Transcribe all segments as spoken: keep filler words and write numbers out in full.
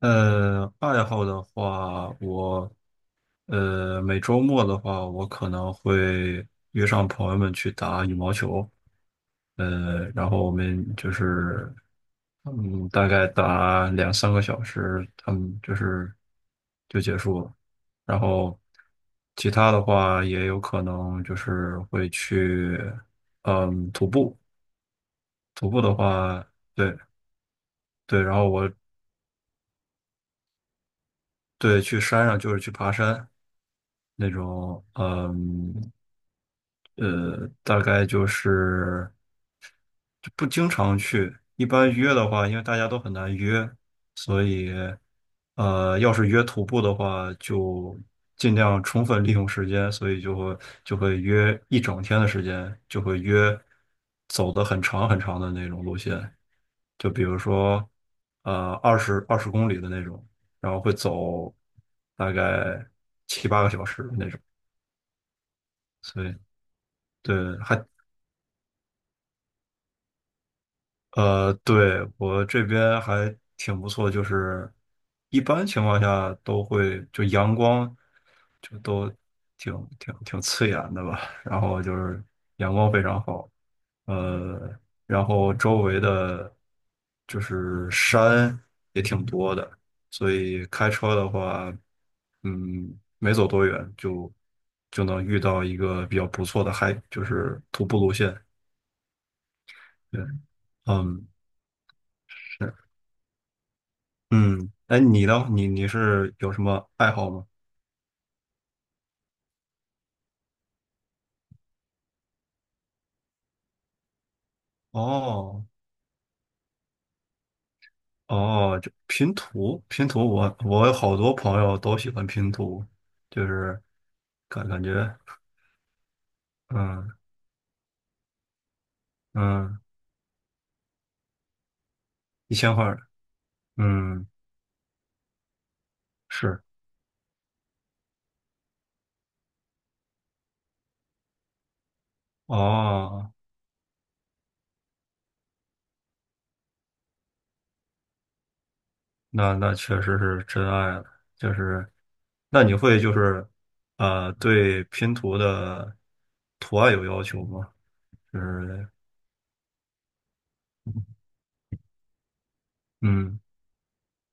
呃，爱好的话，我呃每周末的话，我可能会约上朋友们去打羽毛球，呃，然后我们就是嗯大概打两三个小时，他们就是就结束了。然后其他的话，也有可能就是会去嗯徒步。徒步的话，对对，然后我对，去山上就是去爬山。那种。嗯，呃，大概就是就不经常去。一般约的话，因为大家都很难约，所以，呃，要是约徒步的话，就尽量充分利用时间，所以就会就会约一整天的时间，就会约走的很长很长的那种路线。就比如说，呃，二十二十公里的那种，然后会走大概七八个小时的那种。所以。对，还呃，对，我这边还挺不错，就是一般情况下都会就阳光就都挺挺挺刺眼的吧，然后就是阳光非常好。呃，然后周围的就是山也挺多的。所以开车的话，嗯，没走多远就就能遇到一个比较不错的海，就是徒步路线，对。嗯，是。嗯，哎，你呢？你你是有什么爱好吗？哦哦，就拼图。拼图我，我有好多朋友都喜欢拼图。就是感感觉。嗯嗯。一千块儿。嗯，是。哦，那那确实是真爱了。就是那你会就是呃对拼图的图案有要求吗？就是嗯。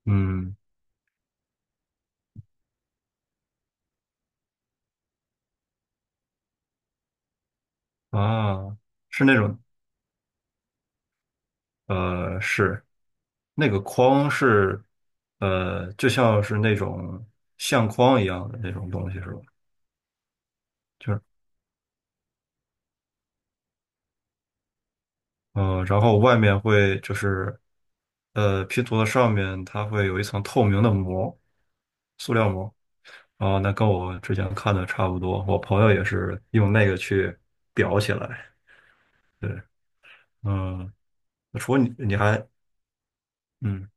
嗯啊，是那种呃是。那个框是，呃，就像是那种相框一样的那种东西是吧？就是。嗯、然后外面会就是，呃，拼图的上面它会有一层透明的膜，塑料膜。啊，那跟我之前看的差不多，我朋友也是用那个去裱起来。对。嗯。除了你，你还。嗯。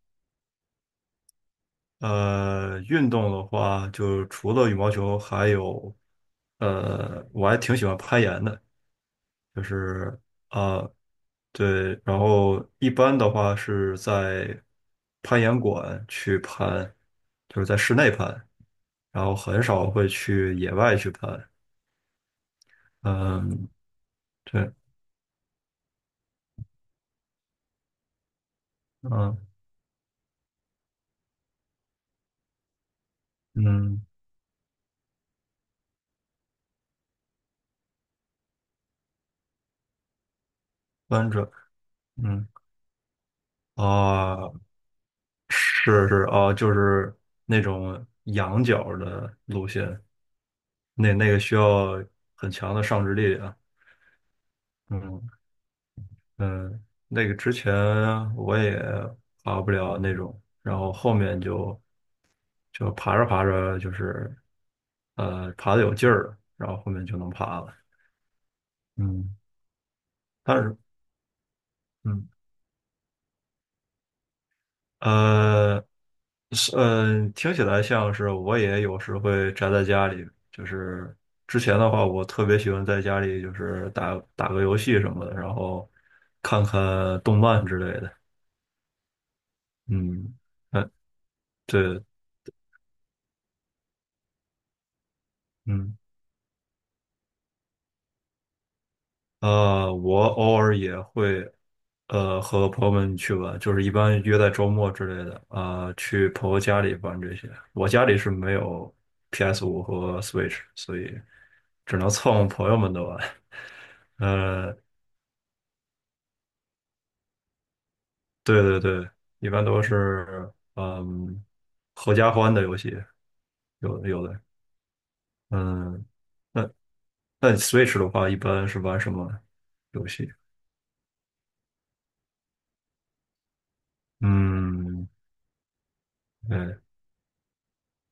呃，运动的话，就除了羽毛球，还有，呃，我还挺喜欢攀岩的。就是啊，对，然后一般的话是在攀岩馆去攀，就是在室内攀，然后很少会去野外去攀。嗯，对。嗯嗯。弯着。嗯啊，是是啊，就是那种仰角的路线。那那个需要很强的上肢力量。嗯嗯。那个之前我也爬不了那种，然后后面就就爬着爬着就是呃爬的有劲儿了，然后后面就能爬了。嗯，但是。嗯。呃，是。嗯，听起来像是我也有时会宅在家里。就是之前的话，我特别喜欢在家里就是打打个游戏什么的，然后看看动漫之类的。嗯。嗯，对。嗯。呃，我偶尔也会，呃，和朋友们去玩，就是一般约在周末之类的，啊、去朋友家里玩这些。我家里是没有 p s 五和 Switch，所以只能蹭朋友们的玩。呃，对对对，一般都是嗯，合家欢的游戏，有的有的。嗯，那那 Switch 的话，一般是玩什么游戏？嗯，对。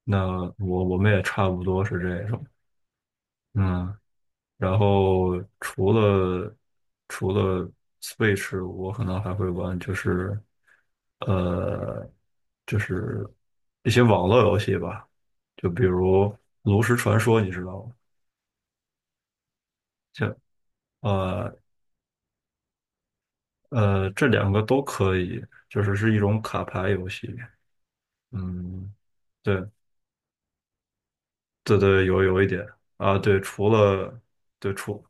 那我我们也差不多是这种。嗯，然后除了除了 Switch，我可能还会玩就是呃，就是一些网络游戏吧，就比如《炉石传说》，你知道吗？就。呃呃，这两个都可以，就是是一种卡牌游戏。嗯，对对对，有有一点啊，对，除了对除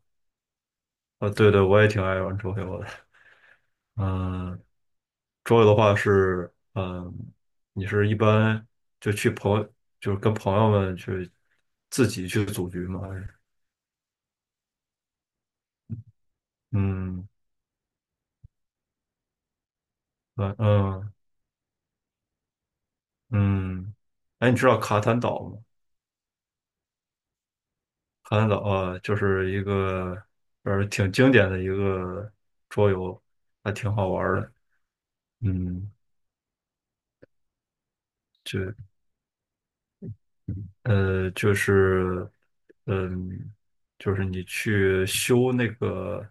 啊，对对，我也挺爱玩桌游的。嗯。桌游的话是，嗯，你是一般就去朋友，就是跟朋友们去自己去组局吗？还是嗯。嗯嗯嗯，哎，你知道卡坦岛吗？卡坦岛啊，就是一个呃挺经典的一个桌游，还挺好玩儿的。嗯。就。呃，就是，嗯，就是你去修那个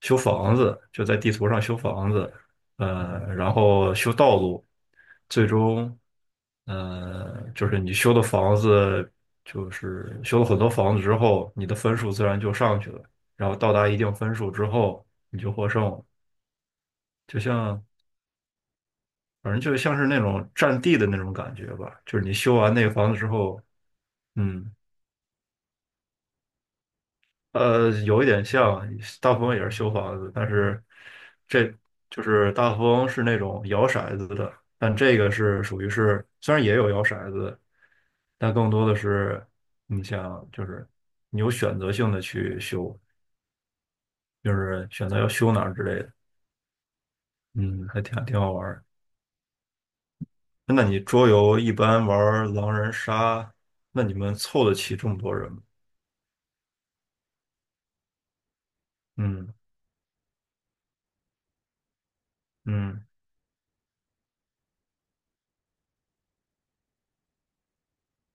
修房子，就在地图上修房子。呃，然后修道路。最终，呃，就是你修的房子，就是修了很多房子之后，你的分数自然就上去了，然后到达一定分数之后，你就获胜了。就像，反正就像是那种占地的那种感觉吧，就是你修完那个房子之后。嗯。呃，有一点像。大富翁也是修房子，但是这就是大富翁是那种摇骰子的，但这个是属于是虽然也有摇骰子，但更多的是你想就是你有选择性的去修，就是选择要修哪儿之类的。嗯。还挺挺好玩儿。那你桌游一般玩儿狼人杀，那你们凑得齐这么多人吗？嗯嗯，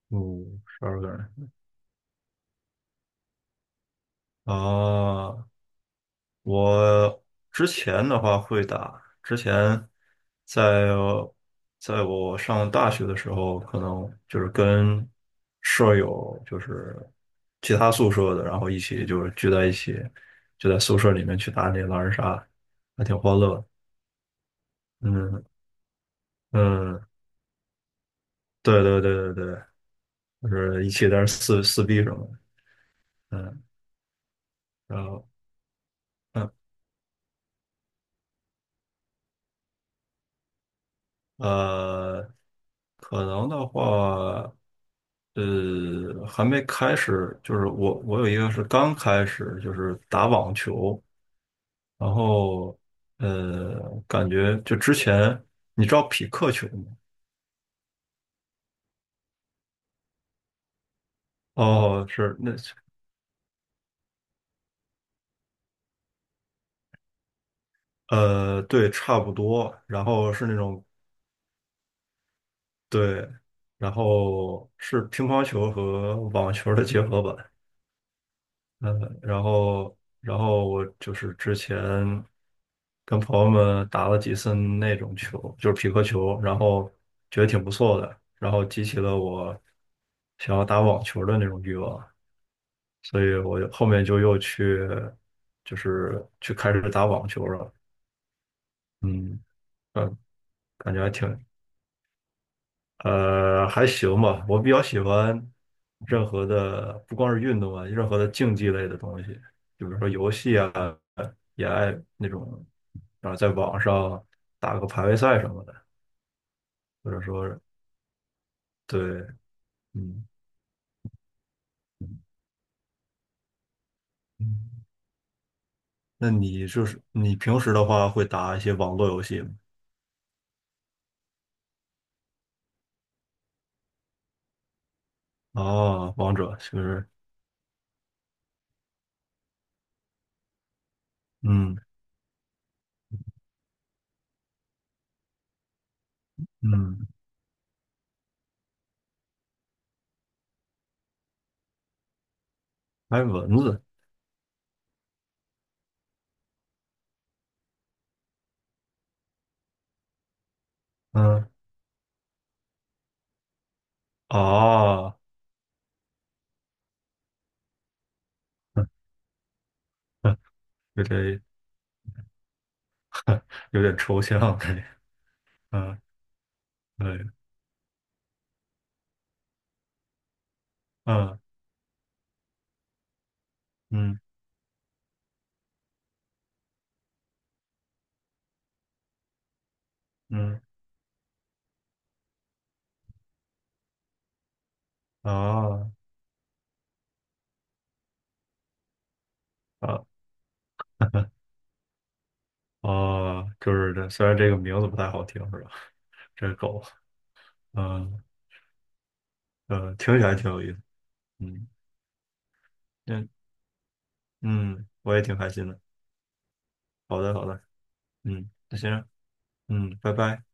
五十二个人。啊，哦。我之前的话会打。之前在在我上大学的时候，可能就是跟舍友，就是其他宿舍的，然后一起就是聚在一起，就在宿舍里面去打那狼人杀，还挺欢乐的。嗯嗯，对对对对对，就是一起在那儿撕撕逼什么的。嗯，然后嗯。呃，可能的话，呃，还没开始。就是我我有一个是刚开始，就是打网球。然后呃，感觉就之前你知道匹克球吗？哦，是那。呃，对，差不多，然后是那种。对，然后是乒乓球和网球的结合版。嗯，然后然后我就是之前跟朋友们打了几次那种球，就是匹克球，然后觉得挺不错的，然后激起了我想要打网球的那种欲望，所以我就后面就又去就是去开始打网球了。嗯。嗯，感觉还挺。呃，还行吧。我比较喜欢任何的，不光是运动啊，任何的竞技类的东西，就比如说游戏啊，也爱那种，然后在网上打个排位赛什么的，或者说对。嗯嗯。那你就是你平时的话会打一些网络游戏吗？哦，王者是不是？嗯嗯。还有蚊子。嗯哦。有点。 有点抽象，对。嗯。对。嗯。嗯嗯啊。啊啊，就是这，虽然这个名字不太好听，是吧？这个狗。嗯呃，听起来挺有意思。嗯嗯嗯，我也挺开心的。好的好的。嗯，那行。嗯，拜拜。